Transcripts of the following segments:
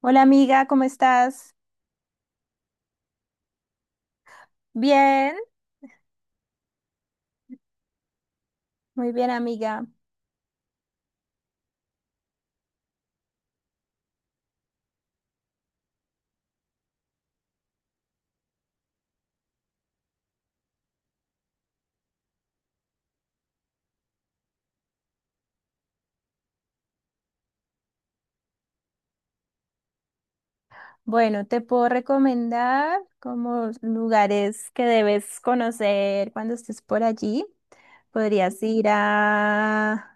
Hola amiga, ¿cómo estás? Bien. Muy bien amiga. Bueno, te puedo recomendar como lugares que debes conocer cuando estés por allí. Podrías ir a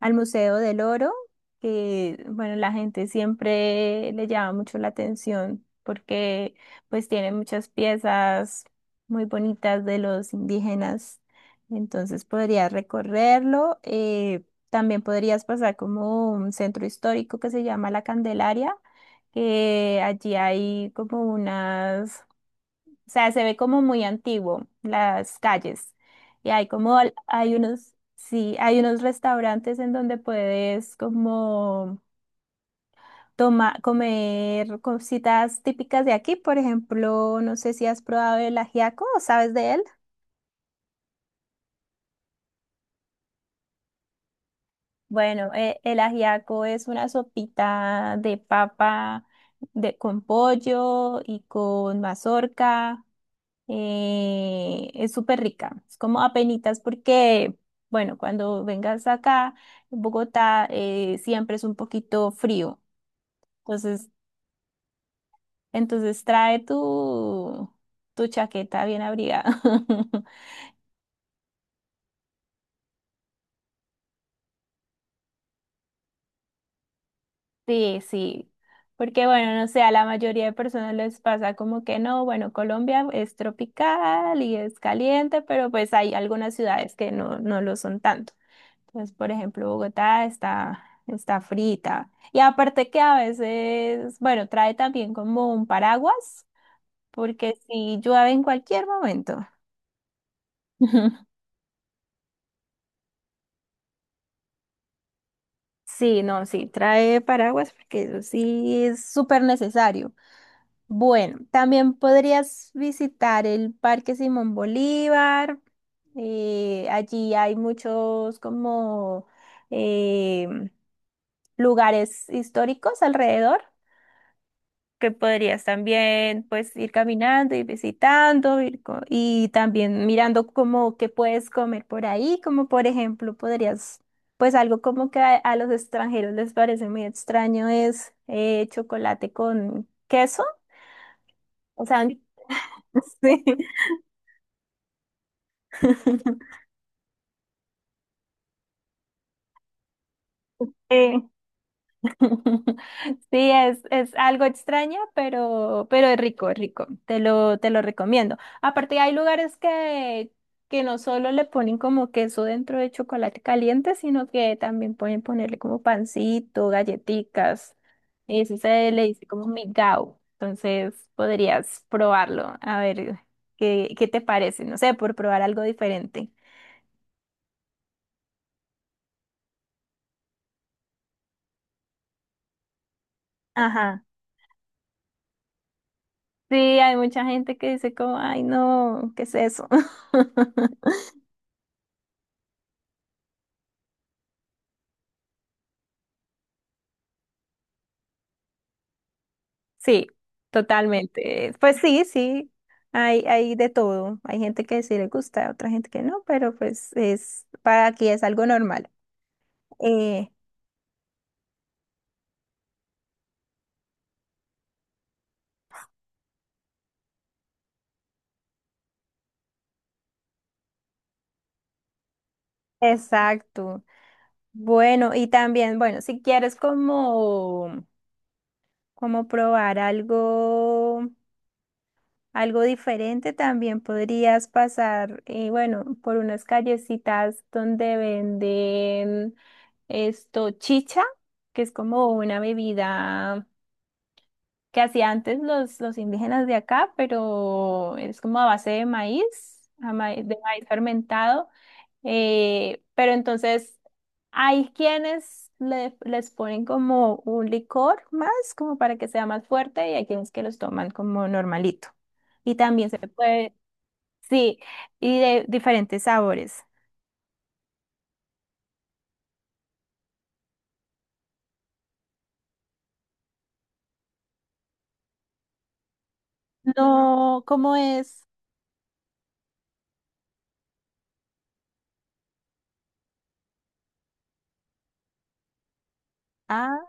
al Museo del Oro, que bueno, la gente siempre le llama mucho la atención porque pues tiene muchas piezas muy bonitas de los indígenas. Entonces podrías recorrerlo. También podrías pasar como un centro histórico que se llama La Candelaria, que allí hay como unas o sea, se ve como muy antiguo las calles. Y hay como, hay unos, sí, hay unos restaurantes en donde puedes como toma, comer cositas típicas de aquí. Por ejemplo, no sé si has probado el ajiaco o sabes de él. Bueno, el ajiaco es una sopita de papa de, con pollo y con mazorca. Es súper rica. Es como apenitas porque, bueno, cuando vengas acá, en Bogotá, siempre es un poquito frío. Entonces, entonces trae tu chaqueta bien abrigada. Sí, sí. Porque, bueno, no sé, a la mayoría de personas les pasa como que no, bueno, Colombia es tropical y es caliente, pero pues hay algunas ciudades que no, no lo son tanto. Pues, por ejemplo, Bogotá está, está frita. Y aparte que a veces, bueno, trae también como un paraguas, porque si llueve en cualquier momento. Sí, no, sí, trae paraguas porque eso sí es súper necesario. Bueno, también podrías visitar el Parque Simón Bolívar. Allí hay muchos como eh, lugares históricos alrededor. Que podrías también pues ir caminando, ir visitando, y también mirando como que puedes comer por ahí, como por ejemplo podrías, pues algo como que a los extranjeros les parece muy extraño es chocolate con queso, o sea, sí. Eh, Sí, es algo extraña, pero es rico, es rico. Te lo recomiendo. Aparte, hay lugares que no solo le ponen como queso dentro de chocolate caliente, sino que también pueden ponerle como pancito, galletitas. Y eso se le dice como migao. Entonces, podrías probarlo, a ver qué, qué te parece. No sé, por probar algo diferente. Ajá. Sí, hay mucha gente que dice como, ay, no, ¿qué es eso? Sí, totalmente. Pues sí, sí, hay de todo. Hay gente que sí le gusta, otra gente que no, pero pues es, para aquí es algo normal. Eh, exacto. Bueno, y también, bueno, si quieres como, como probar algo, algo diferente, también podrías pasar, bueno, por unas callecitas donde venden esto, chicha, que es como una bebida. Que hacía antes los indígenas de acá, pero es como a base de maíz, de maíz fermentado. Pero entonces hay quienes les ponen como un licor más, como para que sea más fuerte, y hay quienes que los toman como normalito. Y también se puede, sí, y de diferentes sabores. No, ¿cómo es? Ah,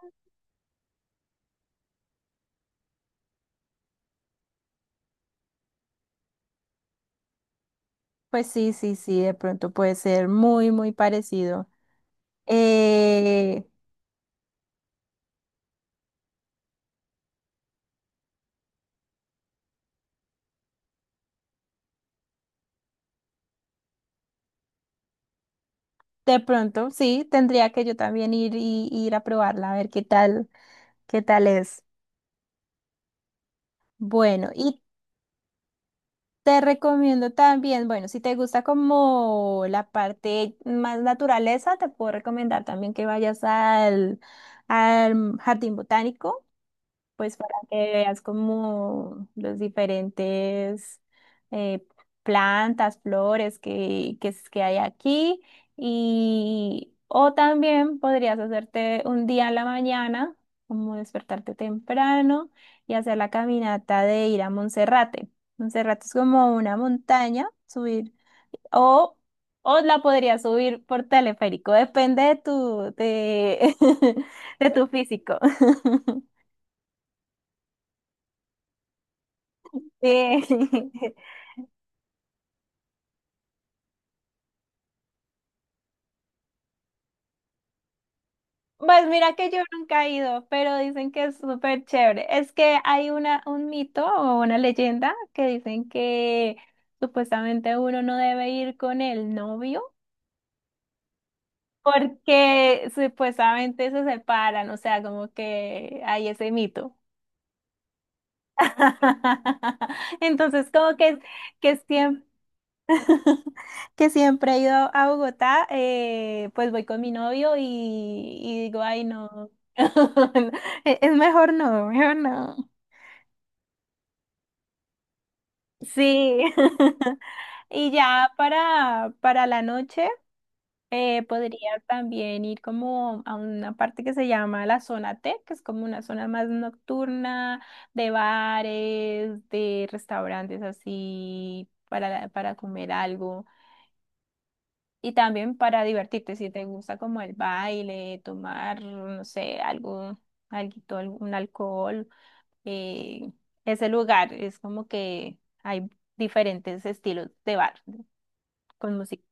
pues sí, sí, sí, de pronto puede ser muy, muy parecido. Eh, De pronto, sí, tendría que yo también ir y ir a probarla, a ver qué tal es. Bueno, y te recomiendo también, bueno, si te gusta como la parte más naturaleza, te puedo recomendar también que vayas al jardín botánico. Pues para que veas como los diferentes eh, plantas, flores que, que hay aquí. Y, o también podrías hacerte un día a la mañana, como despertarte temprano y hacer la caminata de ir a Monserrate. Monserrate es como una montaña, subir, o, o la podrías subir por teleférico, depende de de, de tu físico. Sí. Pues mira que yo nunca he ido, pero dicen que es súper chévere. Es que hay una, un mito o una leyenda que dicen que supuestamente uno no debe ir con el novio porque supuestamente se separan, o sea, como que hay ese mito. Entonces, como que siempre... que siempre he ido a Bogotá, pues voy con mi novio y digo, ay, no, es mejor no, mejor no. Sí. Y ya para la noche podría también ir como a una parte que se llama la zona T, que es como una zona más nocturna de bares, de restaurantes así para comer algo. Y también para divertirte, si te gusta como el baile, tomar, no sé, algo, alguito, algún alcohol, eh, ese lugar es como que hay diferentes estilos de bar con música.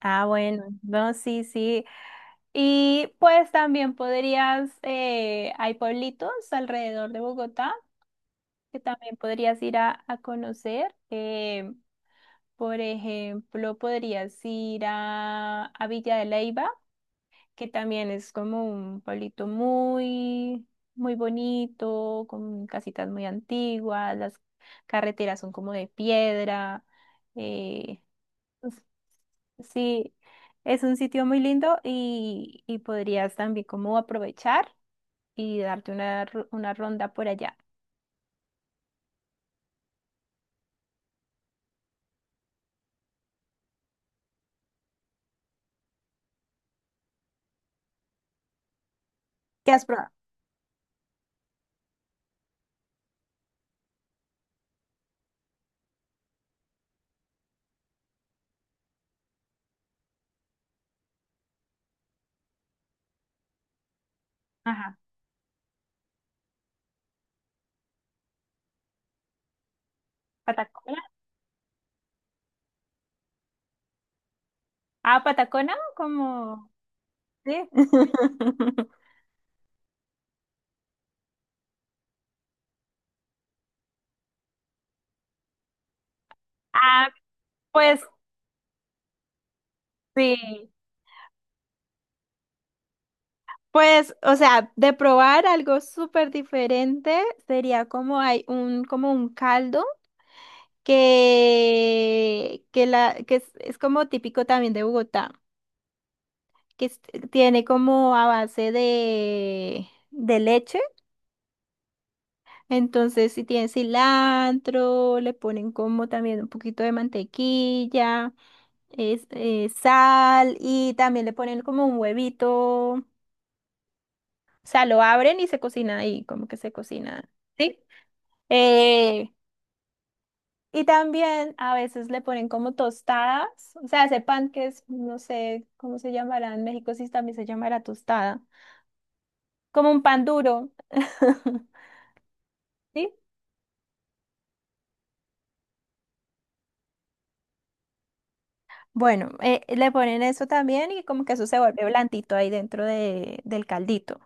Ah, bueno, no, sí, sí. Y pues también podrías, hay pueblitos alrededor de Bogotá que también podrías ir a conocer. Por ejemplo, podrías ir a Villa de Leyva que también es como un pueblito muy, muy bonito, con casitas muy antiguas, las carreteras son como de piedra. eh, pues, sí, es un sitio muy lindo y podrías también como aprovechar y darte una, una ronda por allá. ¿Qué has probado? Ajá. ¿Patacona? Ah, Patacona, como... Sí. Ah, pues sí. Pues, o sea, de probar algo súper diferente sería como hay un, como un caldo que, la, que es como típico también de Bogotá, que tiene como a base de leche. Entonces, si tiene cilantro, le ponen como también un poquito de mantequilla, es, sal y también le ponen como un huevito. O sea, lo abren y se cocina ahí, como que se cocina. ¿Sí? Eh, y también a veces le ponen como tostadas, o sea, ese pan que es, no sé cómo se llamará en México, si también se llamará tostada, como un pan duro. ¿Sí? Bueno, le ponen eso también y como que eso se vuelve blandito ahí dentro de, del caldito.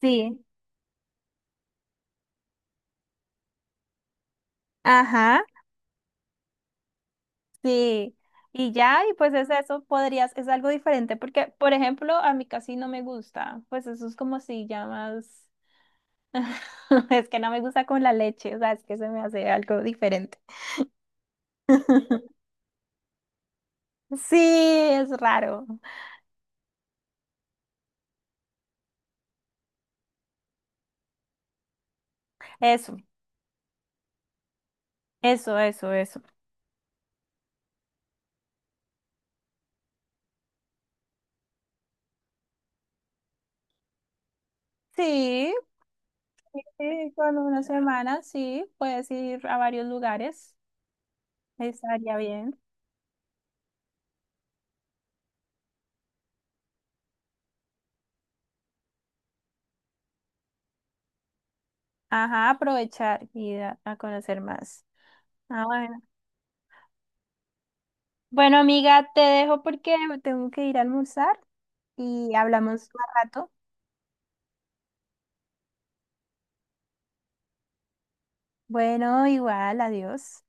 Sí. Ajá, sí. Y ya, y pues es eso, podrías, es algo diferente, porque, por ejemplo, a mí casi no me gusta, pues eso es como si llamas. Es que no me gusta con la leche, o sea, es que se me hace algo diferente. Sí, es raro. Eso, eso, eso, eso. Sí, sí, con una semana, sí, puedes ir a varios lugares, estaría bien. Ajá, aprovechar y a conocer más. Ah, bueno. Bueno, amiga, te dejo porque tengo que ir a almorzar y hablamos más rato. Bueno, igual, adiós.